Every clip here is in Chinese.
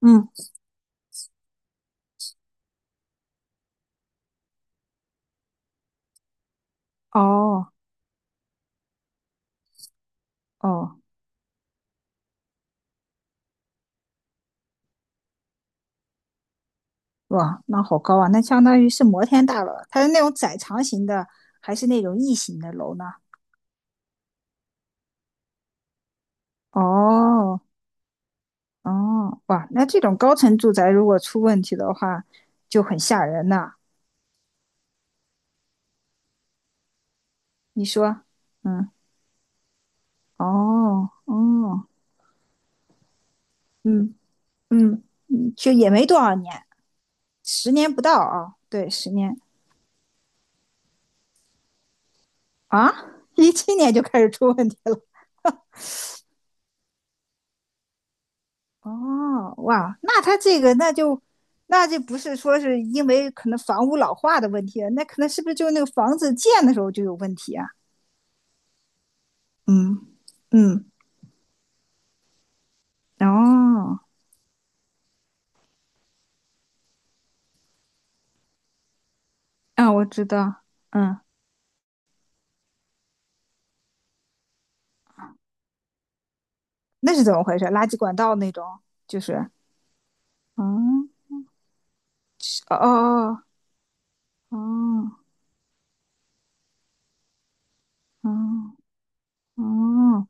嗯，哦哦，哇，那好高啊！那相当于是摩天大楼，它是那种窄长型的，还是那种异形的楼呢？哦哦，哇，那这种高层住宅如果出问题的话，就很吓人呐、你说，嗯，哦哦，嗯嗯嗯，就也没多少年，十年不到啊，对，十年啊，17年就开始出问题了。哦，哇，那他这个那就那就不是说是因为可能房屋老化的问题了，那可能是不是就是那个房子建的时候就有问题啊？嗯嗯，哦，啊，我知道，嗯，那是怎么回事？垃圾管道那种，就是，嗯，哦哦哦哦哦哦，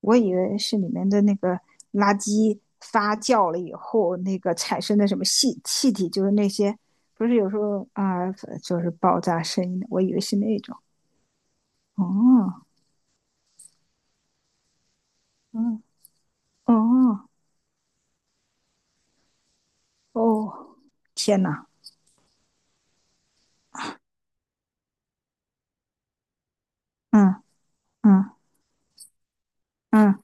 我以为是里面的那个垃圾发酵了以后，那个产生的什么气气体，就是那些不是有时候啊、就是爆炸声音的，我以为是那种。哦，嗯，哦，哦，天呐，嗯嗯嗯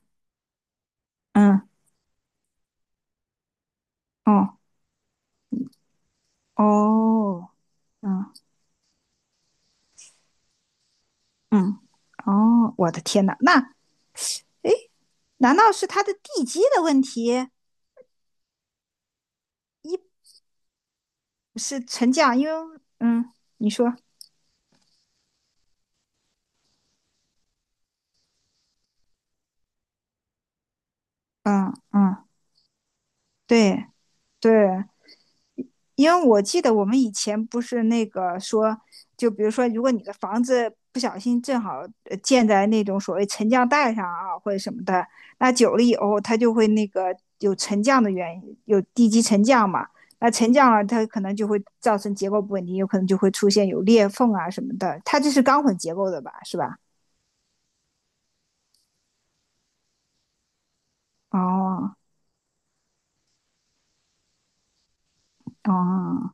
嗯，哦哦，嗯嗯哦，我的天呐，那难道是它的地基的问题？一是沉降，因为你说，嗯嗯，对对因为我记得我们以前不是那个说，就比如说，如果你的房子不小心正好建在那种所谓沉降带上啊，或者什么的，那久了以后它就会那个有沉降的原因，有地基沉降嘛。那沉降了，它可能就会造成结构不稳定，有可能就会出现有裂缝啊什么的。它这是钢混结构的吧？是吧？哦哦，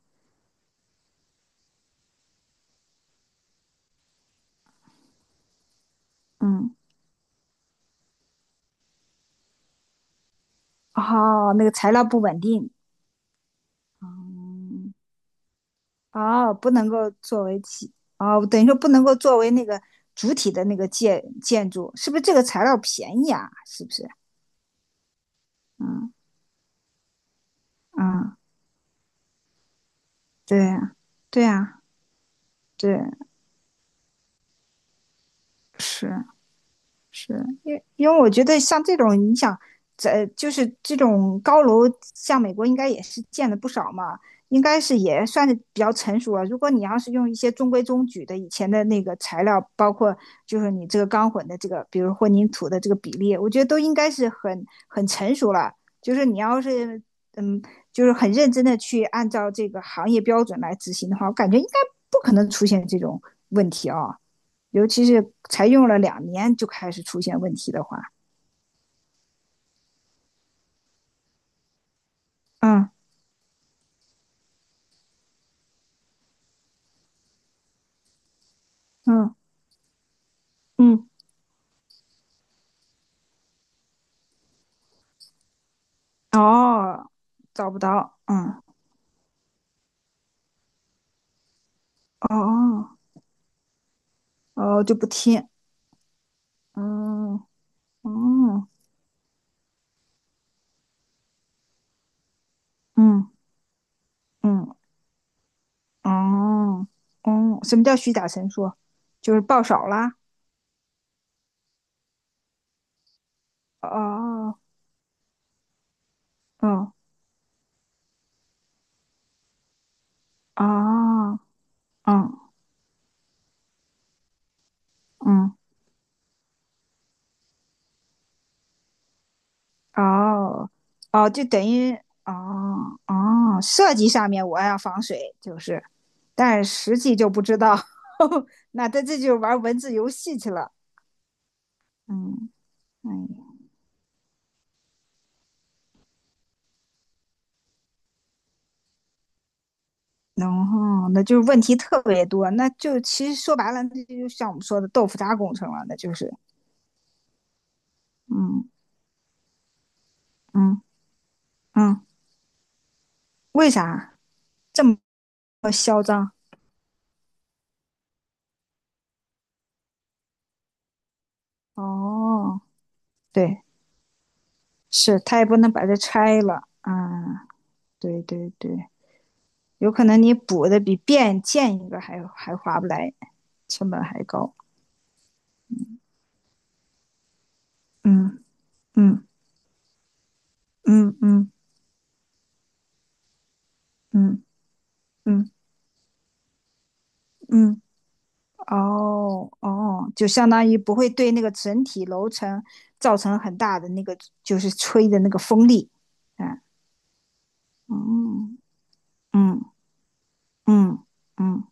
嗯，哦，那个材料不稳定。嗯哦，不能够作为体，哦，等于说不能够作为那个主体的那个建筑，是不是这个材料便宜啊？是不是？嗯嗯，对呀，对啊，对，是。是因为我觉得像这种，你想，在就是这种高楼，像美国应该也是建的不少嘛，应该是也算是比较成熟了。如果你要是用一些中规中矩的以前的那个材料，包括就是你这个钢混的这个，比如混凝土的这个比例，我觉得都应该是很很成熟了。就是你要是嗯，就是很认真的去按照这个行业标准来执行的话，我感觉应该不可能出现这种问题啊、尤其是才用了2年就开始出现问题的话，嗯嗯嗯，哦，找不到，嗯，哦哦，就不听，嗯嗯嗯嗯哦哦，什么叫虚假陈述？就是报少啦，哦哦哦嗯嗯哦哦，就等于哦哦，设计上面我要防水，就是但实际就不知道，呵呵那他这就玩文字游戏去了。嗯，哎呀，然后那就是问题特别多，那就其实说白了，那就就像我们说的豆腐渣工程了，那就是，嗯嗯嗯，为啥这么嚣张？哦，对，是他也不能把它拆了啊，对对对，有可能你补的比变建一个还还划不来，成本还高。嗯嗯嗯嗯嗯嗯嗯嗯嗯哦哦，就相当于不会对那个整体楼层造成很大的那个，就是吹的那个风力。啊，嗯嗯嗯嗯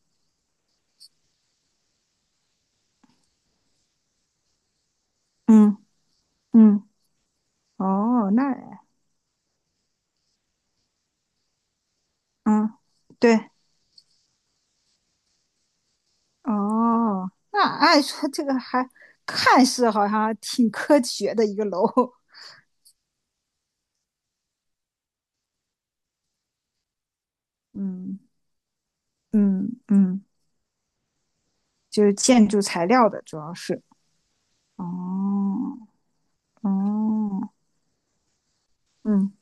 嗯嗯，哦，那嗯对，哦，那按说这个还看似好像挺科学的一个楼。嗯嗯嗯，就是建筑材料的主要是。哦哦，嗯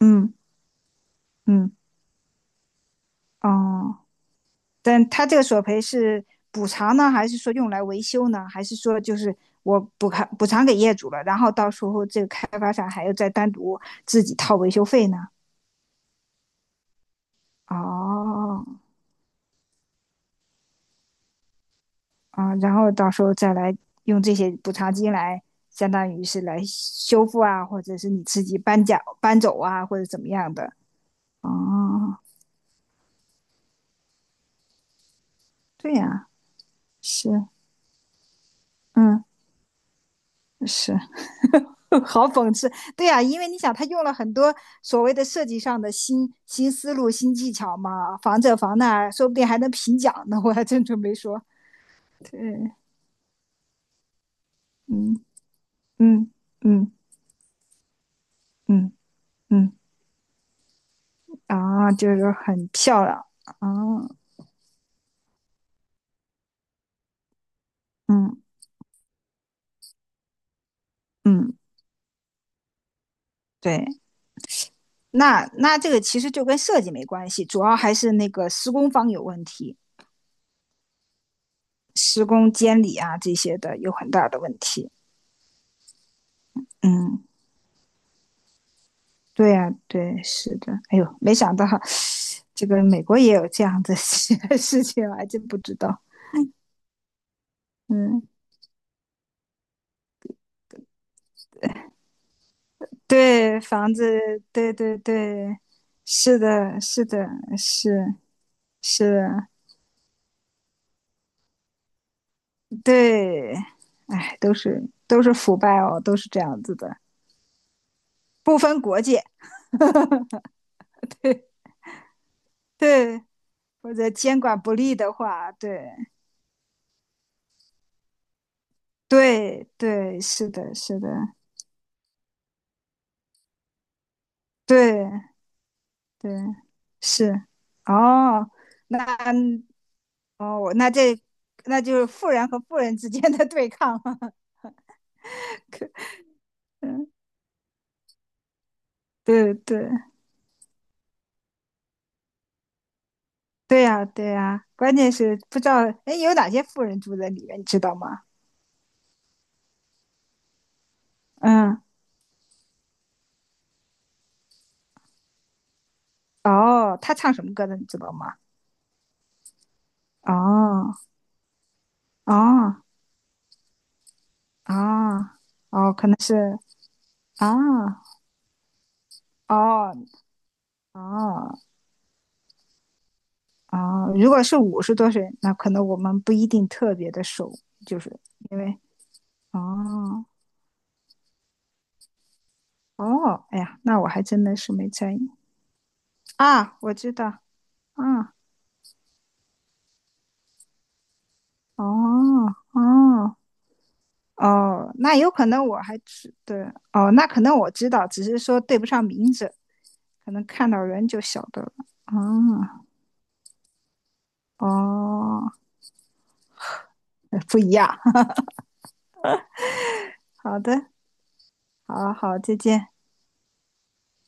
嗯嗯哦。但他这个索赔是补偿呢，还是说用来维修呢？还是说就是我补偿给业主了，然后到时候这个开发商还要再单独自己掏维修费呢？哦，啊，然后到时候再来用这些补偿金来，相当于是来修复啊，或者是你自己搬家搬走啊，或者怎么样的？哦，对呀、是，嗯，是，好讽刺，对呀、因为你想，他用了很多所谓的设计上的新思路、新技巧嘛，防这防那，说不定还能评奖呢。我还真准备说。对，嗯嗯嗯嗯嗯，啊，就是很漂亮啊，嗯嗯，对，那那这个其实就跟设计没关系，主要还是那个施工方有问题，施工监理啊这些的有很大的问题。嗯，对呀、啊对，是的。哎呦，没想到。这个美国也有这样的 事情，我还真不知道。嗯，对，房子，对对对，是的，是的，是是的，对，哎，都是腐败哦，都是这样子的，不分国界，对对，或者监管不力的话，对对对，是的，是的，对对是，哦，那哦，那这那就是富人和富人之间的对抗了。嗯，对对对呀，对呀，关键是不知道哎有哪些富人住在里面，你知道吗？嗯，哦，他唱什么歌的，你知道吗？哦哦哦哦，可能是啊哦哦哦，如果是50多岁，那可能我们不一定特别的熟，就是因为哦哦，哎呀，那我还真的是没在意啊，我知道，嗯。哦哦哦，那有可能我还知对哦，那可能我知道，只是说对不上名字，可能看到人就晓得了。哦哦，不一样。好的，好好，再见。